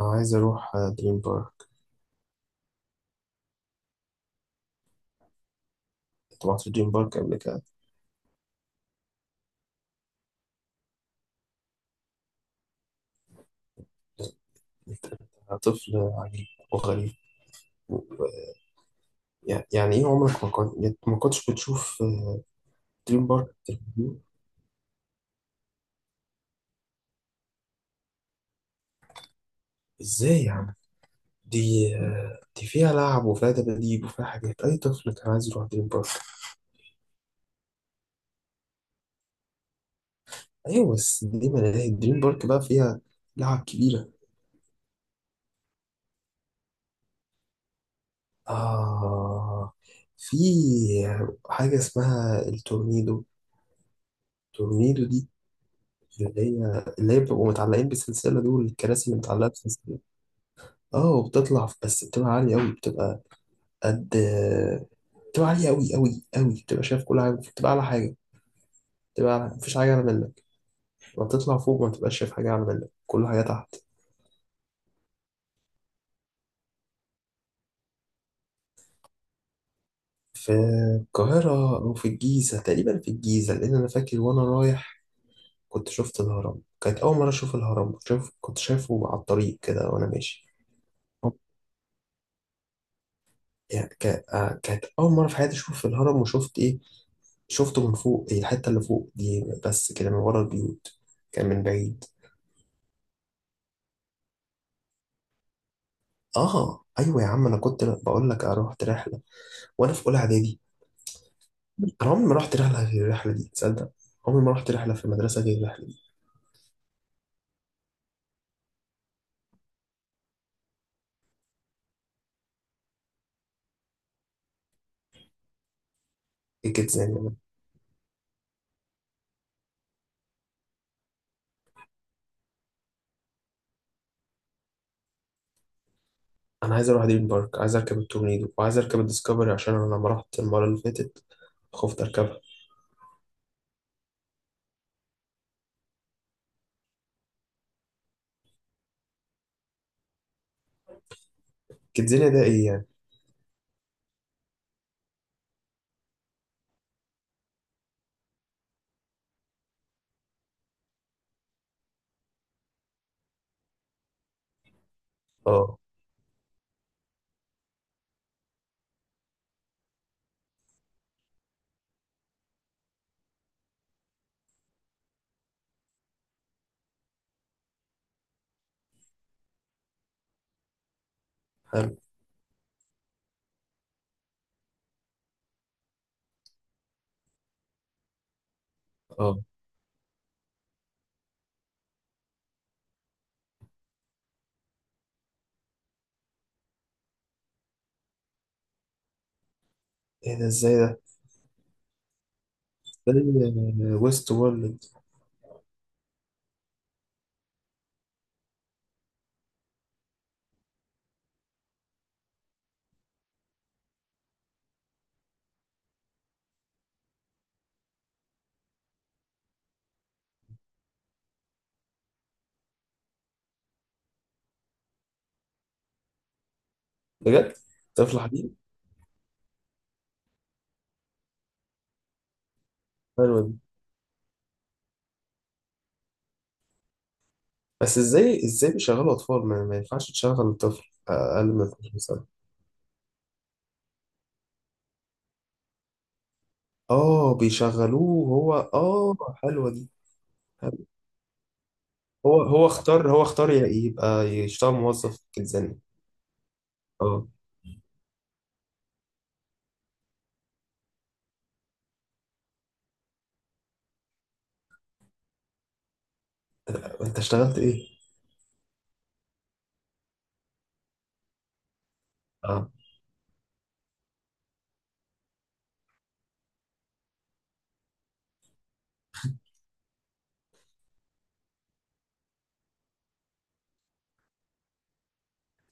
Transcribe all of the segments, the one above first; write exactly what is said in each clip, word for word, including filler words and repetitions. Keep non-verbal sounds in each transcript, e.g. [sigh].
أنا عايز أروح آه، دريم بارك. كنت رحت دريم بارك قبل كده. أنت، أنت طفل عجيب وغريب و- يع- يعني إيه؟ عمرك ما كنت، يعني ما كنتش بتشوف آه، دريم بارك في التلفزيون؟ إزاي يعني؟ دي آه، دي فيها لعب وفيها دباديب وفيها حاجات أي طفل كان عايز يروح دريم بارك. أيوة، بس دي ملاهي دريم بارك بقى فيها لعب كبيرة. آه، في حاجة اسمها التورنيدو. التورنيدو دي اللي هي اللي هي بيبقوا متعلقين بالسلسلة، دول الكراسي اللي متعلقة بالسلسلة. اه، وبتطلع، بس بتبقى عالية أوي، بتبقى قد، بتبقى عالية أوي أوي أوي، بتبقى شايف كل حاجة، بتبقى أعلى حاجة، بتبقى أعلى، مفيش حاجة أعلى منك. لما بتطلع فوق ما بتبقاش شايف حاجة أعلى منك، كل حاجة تحت. في القاهرة أو في الجيزة، تقريبا في الجيزة، لأن أنا فاكر وأنا رايح كنت شفت الهرم، كانت أول مرة أشوف الهرم، كنت شايف، كنت شايفه على الطريق كده وأنا ماشي. يعني ك- آه، كانت أول مرة في حياتي أشوف الهرم، وشفت إيه، شفته من فوق، إيه، الحتة اللي فوق دي بس كده من ورا البيوت، كان من بعيد. اه ايوه يا عم، انا كنت بقول لك رحت رحله وانا في اولى اعدادي. انا عمري ما رحت رحله غير الرحله دي، تصدق. عمري ما رحت رحله في المدرسه غير الرحله دي. ايه كده زي ما أنا. انا عايز اروح دريم بارك، عايز اركب التورنيدو وعايز اركب الديسكفري، عشان انا لما رحت المره اللي فاتت خفت اركبها. كيدزانيا ده ايه يعني؟ اه. حلو. اه. ايه ده؟ ازاي ده؟ ده ويست وورلد. بجد؟ طفل حبيبي. حلو. بس ازاي، ازاي بيشغلوا اطفال، ما ما ينفعش تشغل طفل اقل من اتناشر سنه. اه بيشغلوه هو، اه. حلوه دي. حلوة. هو هو اختار، هو اختار ي- يبقى يشتغل موظف في الزن. اه. انت اشتغلت ايه؟ اه،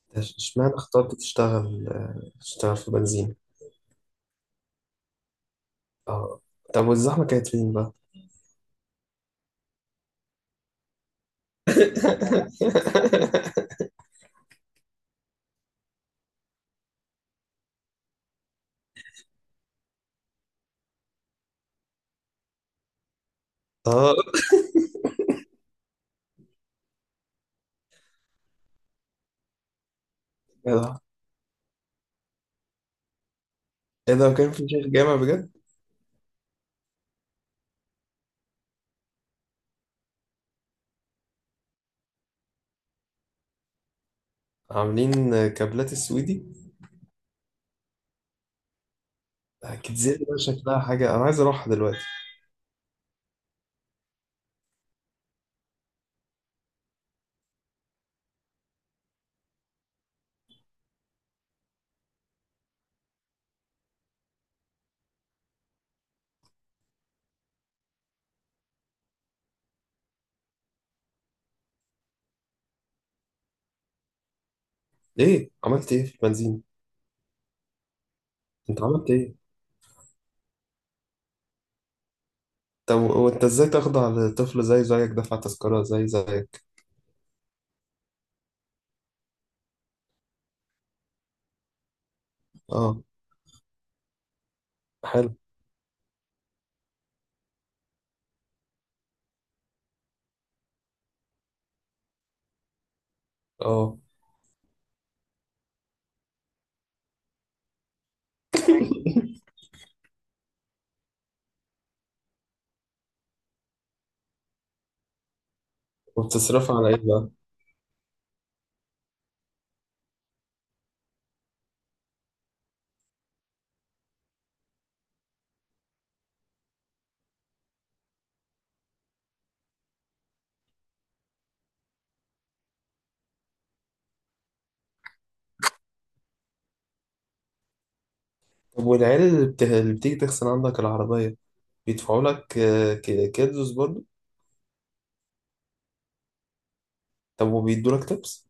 أنت اش- اشمعنى اخترت تشتغل آه، تشتغل في بنزين؟ اه. طب والزحمه كانت فين بقى؟ [laughs] اه. ايه ده؟ ايه ده، كان في شيخ جامع بجد؟ عاملين كابلات السويدي. كانت زي بقى شكلها حاجه انا عايز اروحها دلوقتي. ايه عملت ايه في البنزين؟ انت عملت ايه؟ طب وانت ازاي تخضع لطفل زي زيك دفع تذكرة زي زيك؟ اه. حلو. اه. وبتصرفها على ايه بقى؟ طب والعيال، اللي بت... اللي بتيجي تغسل عندك العربية بيدفعوا لك، آه، ك- كيدز برضه؟ طب وبيدوا لك تبس؟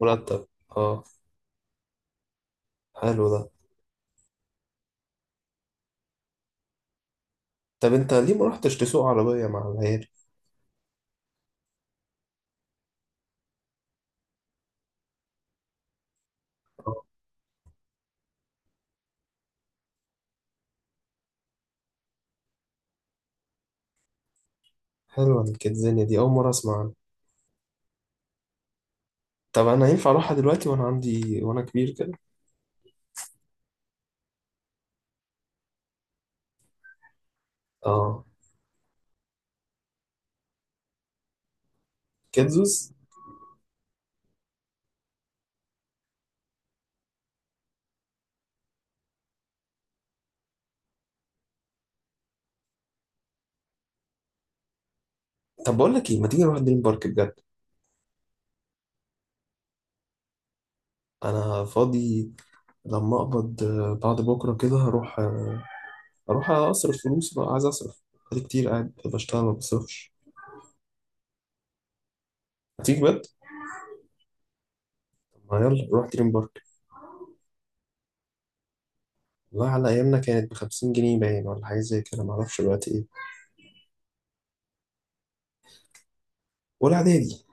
مرتب. اه. حلو ده. طب انت ليه ما رحتش تسوق عربية مع العيال؟ اه. حلوة الكيدزانية دي، اول مرة اسمع عنها. طب انا ينفع اروحها دلوقتي وانا عندي، وانا كبير كده؟ اه. كيدزوس. طب بقول لك ايه، ما تيجي نروح دريم بارك بجد. انا فاضي لما اقبض، آه، بعد بكره كده هروح، آه، اروح اصرف فلوس بقى، عايز اصرف بقالي كتير قاعد بشتغل ما بصرفش. هتيجي بجد؟ طب ما يلا نروح دريم بارك. والله على ايامنا كانت ب خمسين جنيه باين، ولا حاجه زي كده، ما اعرفش دلوقتي ايه. ولا اعدادي.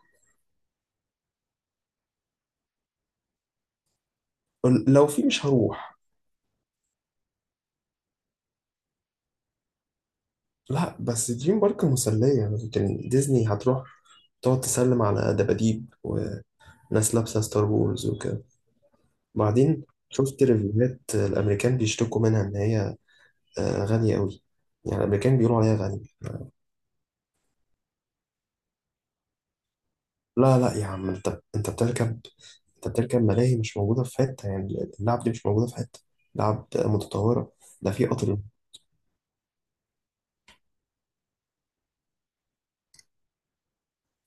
لو في مش هروح. لا، بس دريم بارك مسليه، لكن ديزني هتروح تقعد تسلم على دباديب وناس لابسه ستار وورز وكده. بعدين شفت ريفيوهات الامريكان بيشتكوا منها ان هي آه، غالية قوي، يعني الأمريكان بيقولوا عليها غالية. لا لا يا عم، أنت، أنت بتركب، أنت بتركب ملاهي مش موجودة في حتة، يعني اللعب دي مش موجودة في حتة، لعب متطورة، ده في قطر.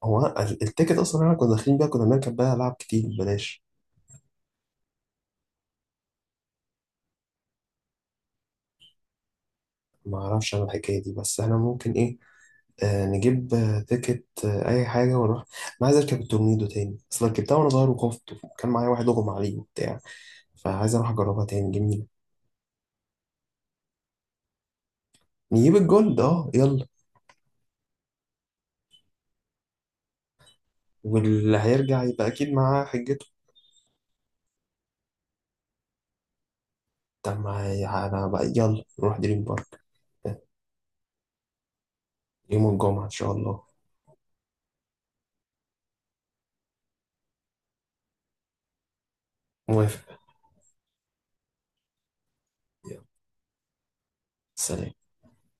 هو ال- التيكت أصلا إحنا كنا داخلين بيها، كنا بنركب بيها ألعاب كتير ببلاش. ما أعرفش أنا الحكاية دي، بس إحنا ممكن إيه، آه نجيب آه، تيكت آه أي حاجة ونروح. أنا عايز أركب التورنيدو تاني، أصل ركبتها وأنا صغير وخفت، كان معايا واحد أغمى عليه وبتاع، فعايز أروح أجربها تاني، جميلة. نجيب الجولد، أه يلا. واللي هيرجع يبقى أكيد معاه حجته. طب ما هي- أنا بقى، يلا نروح دريم بارك. يوم الجمعة إن شاء الله. موافق. يلا. سلام.